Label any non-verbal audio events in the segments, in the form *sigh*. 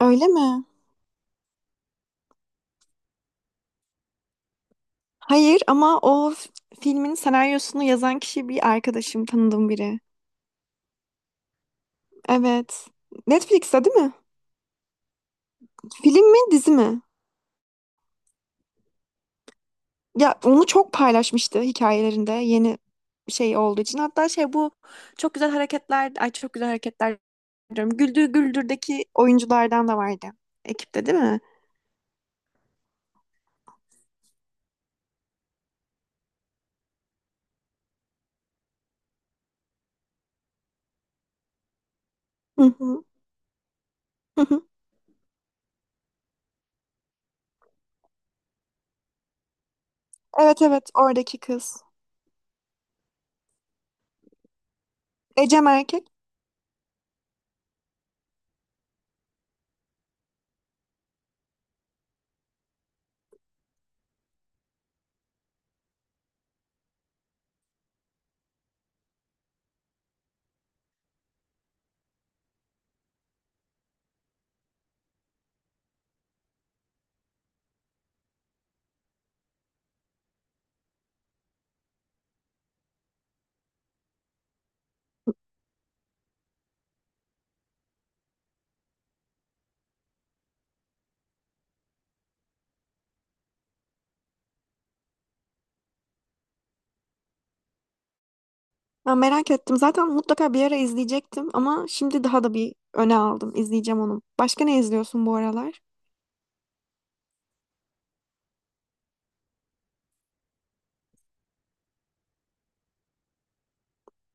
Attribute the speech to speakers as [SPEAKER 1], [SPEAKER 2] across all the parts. [SPEAKER 1] Öyle mi? Hayır ama filmin senaryosunu yazan kişi bir arkadaşım, tanıdığım biri. Evet. Netflix'te değil mi? Film mi, dizi mi? Ya onu çok paylaşmıştı hikayelerinde yeni şey olduğu için. Hatta şey bu çok güzel hareketler, ay çok güzel hareketler diyorum. Güldür Güldür'deki oyunculardan da vardı. Ekipte değil mi? Hı hı. Hı hı. Evet evet oradaki kız. Ecem erkek. Ben merak ettim. Zaten mutlaka bir ara izleyecektim ama şimdi daha da bir öne aldım. İzleyeceğim onu. Başka ne izliyorsun bu aralar?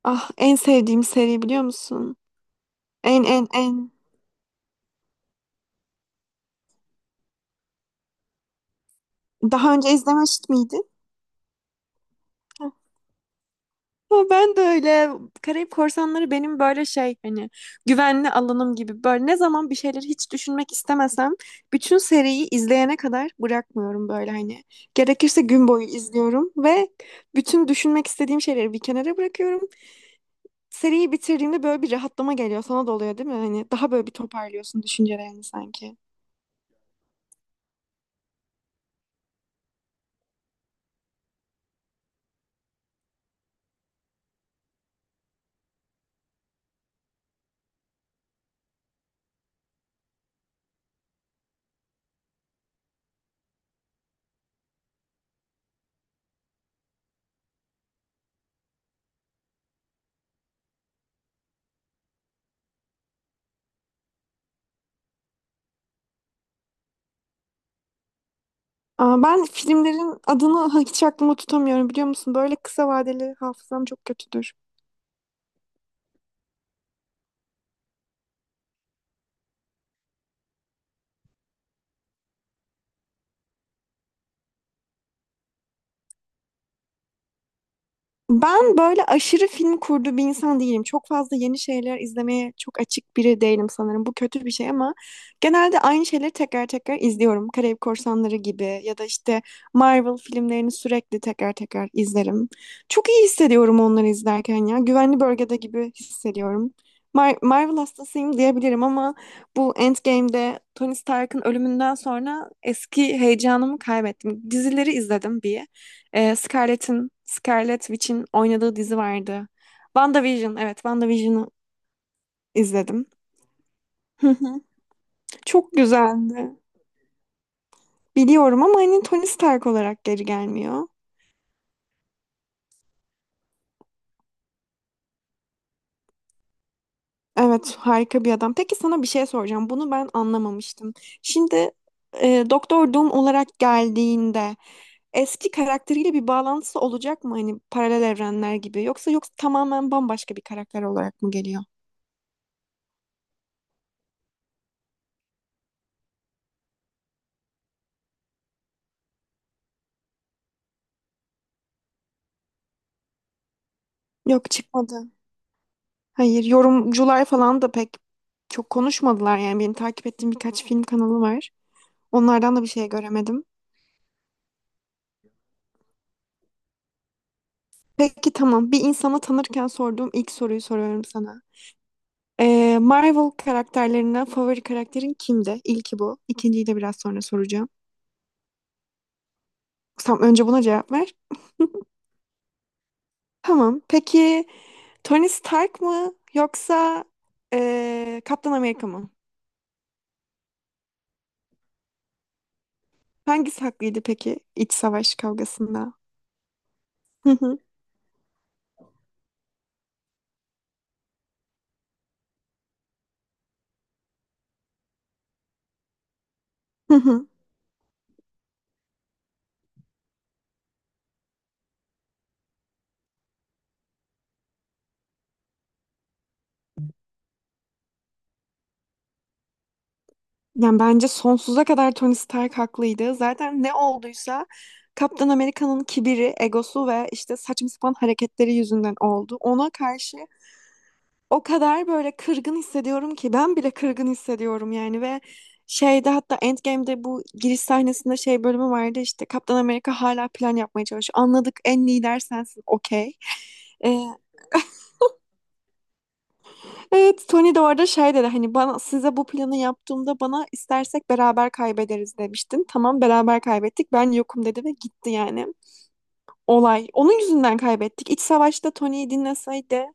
[SPEAKER 1] Ah, en sevdiğim seri biliyor musun? En en en. Daha önce izlemiş miydin? Heh. Ama ben de öyle. Karayip Korsanları benim böyle şey hani güvenli alanım gibi. Böyle ne zaman bir şeyleri hiç düşünmek istemesem bütün seriyi izleyene kadar bırakmıyorum böyle hani. Gerekirse gün boyu izliyorum ve bütün düşünmek istediğim şeyleri bir kenara bırakıyorum. Seriyi bitirdiğimde böyle bir rahatlama geliyor. Sana da oluyor değil mi? Hani daha böyle bir toparlıyorsun düşüncelerini sanki. Aa, ben filmlerin adını hiç aklımda tutamıyorum biliyor musun? Böyle kısa vadeli hafızam çok kötüdür. Ben böyle aşırı film kurdu bir insan değilim. Çok fazla yeni şeyler izlemeye çok açık biri değilim sanırım. Bu kötü bir şey ama genelde aynı şeyleri tekrar tekrar izliyorum. Karayip Korsanları gibi ya da işte Marvel filmlerini sürekli tekrar tekrar izlerim. Çok iyi hissediyorum onları izlerken ya. Güvenli bölgede gibi hissediyorum. Marvel hastasıyım diyebilirim ama bu Endgame'de Tony Stark'ın ölümünden sonra eski heyecanımı kaybettim. Dizileri izledim bir. Scarlett'in, Scarlett Witch'in oynadığı dizi vardı. WandaVision, evet WandaVision'ı izledim. Hı hı. Çok güzeldi. Biliyorum ama hani Tony Stark olarak geri gelmiyor. Evet, harika bir adam. Peki sana bir şey soracağım. Bunu ben anlamamıştım. Şimdi Doktor Doom olarak geldiğinde eski karakteriyle bir bağlantısı olacak mı hani paralel evrenler gibi yoksa tamamen bambaşka bir karakter olarak mı geliyor? Yok, çıkmadı. Hayır, yorumcular falan da pek çok konuşmadılar yani benim takip ettiğim birkaç film kanalı var. Onlardan da bir şey göremedim. Peki, tamam. Bir insana tanırken sorduğum ilk soruyu soruyorum sana. Marvel karakterlerinden favori karakterin kimdi? İlki bu. İkinciyi de biraz sonra soracağım. Tamam, önce buna cevap ver. Tamam. Peki Tony Stark mı yoksa Kaptan Amerika mı? Hangisi haklıydı peki iç savaş kavgasında? Hı hı. Hı hı. Yani bence sonsuza kadar Tony Stark haklıydı. Zaten ne olduysa Kaptan Amerika'nın kibiri, egosu ve işte saçma sapan hareketleri yüzünden oldu. Ona karşı o kadar böyle kırgın hissediyorum ki ben bile kırgın hissediyorum yani ve şeyde hatta Endgame'de bu giriş sahnesinde şey bölümü vardı işte Kaptan Amerika hala plan yapmaya çalışıyor. Anladık, en lider sensin, okey. Evet, Tony de orada şey dedi hani bana size bu planı yaptığımda bana istersek beraber kaybederiz demiştin. Tamam, beraber kaybettik. Ben yokum dedi ve gitti yani. Olay. Onun yüzünden kaybettik. İç savaşta Tony'yi dinleseydi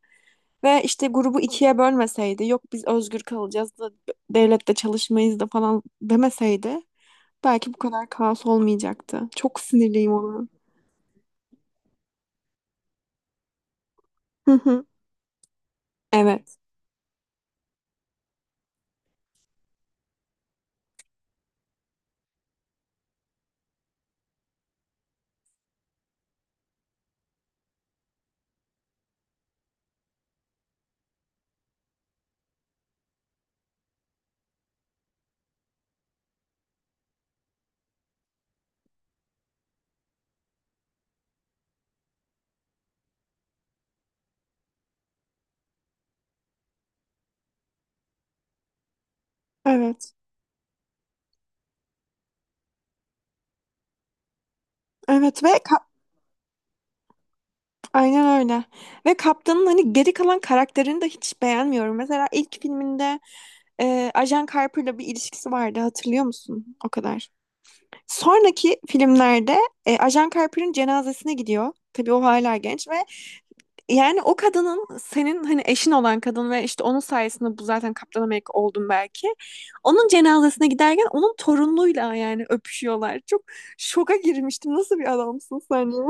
[SPEAKER 1] ve işte grubu ikiye bölmeseydi. Yok biz özgür kalacağız da devlette çalışmayız da falan demeseydi belki bu kadar kaos olmayacaktı. Çok sinirliyim ona. Hı hı. Evet. Evet. Evet ve aynen öyle. Ve Kaptan'ın hani geri kalan karakterini de hiç beğenmiyorum. Mesela ilk filminde Ajan Carper'la bir ilişkisi vardı hatırlıyor musun? O kadar. Sonraki filmlerde Ajan Carper'ın cenazesine gidiyor. Tabii o hala genç ve yani o kadının senin hani eşin olan kadın ve işte onun sayesinde bu zaten Kaptan Amerika oldun belki. Onun cenazesine giderken onun torunluğuyla yani öpüşüyorlar. Çok şoka girmiştim. Nasıl bir adamsın sen ya?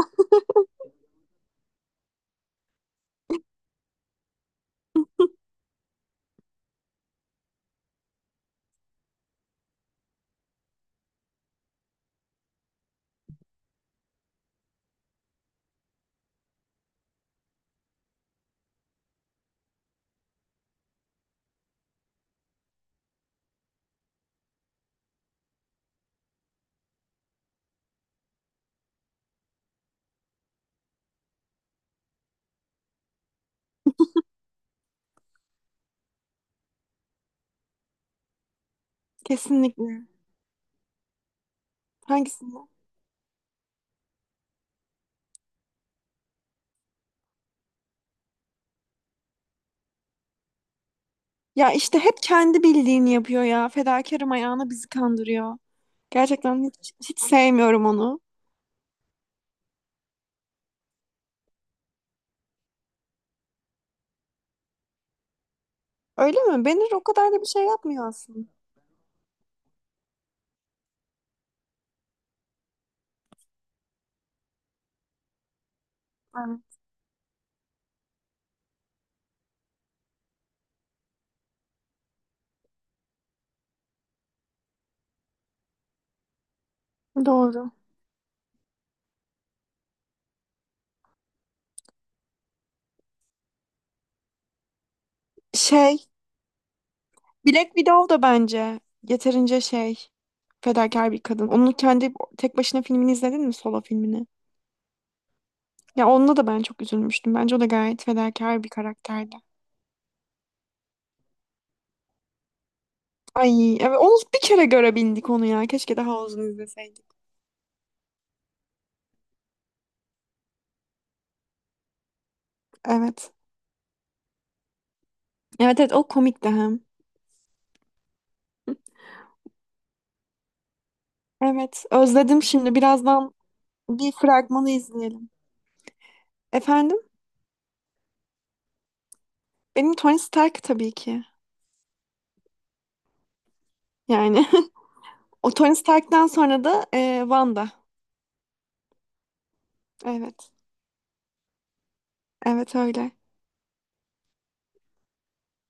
[SPEAKER 1] *laughs* Kesinlikle. Hangisi? Ya işte hep kendi bildiğini yapıyor ya. Fedakarım ayağına bizi kandırıyor. Gerçekten hiç sevmiyorum onu. Öyle mi? Benir o kadar da bir şey yapmıyor aslında. Evet, doğru. Şey, Black Widow da bence yeterince şey, fedakar bir kadın. Onun kendi tek başına filmini izledin mi? Solo filmini. Ya onunla da ben çok üzülmüştüm. Bence o da gayet fedakar bir karakterdi. Ay evet, onu bir kere görebildik onu ya. Keşke daha uzun izleseydik. Evet. Evet evet, o komikti hem. Evet, özledim şimdi. Birazdan bir fragmanı izleyelim. Efendim? Benim Tony Stark tabii ki. Yani *laughs* o Tony Stark'tan sonra da Wanda. Evet, evet öyle.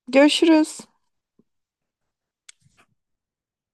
[SPEAKER 1] Görüşürüz.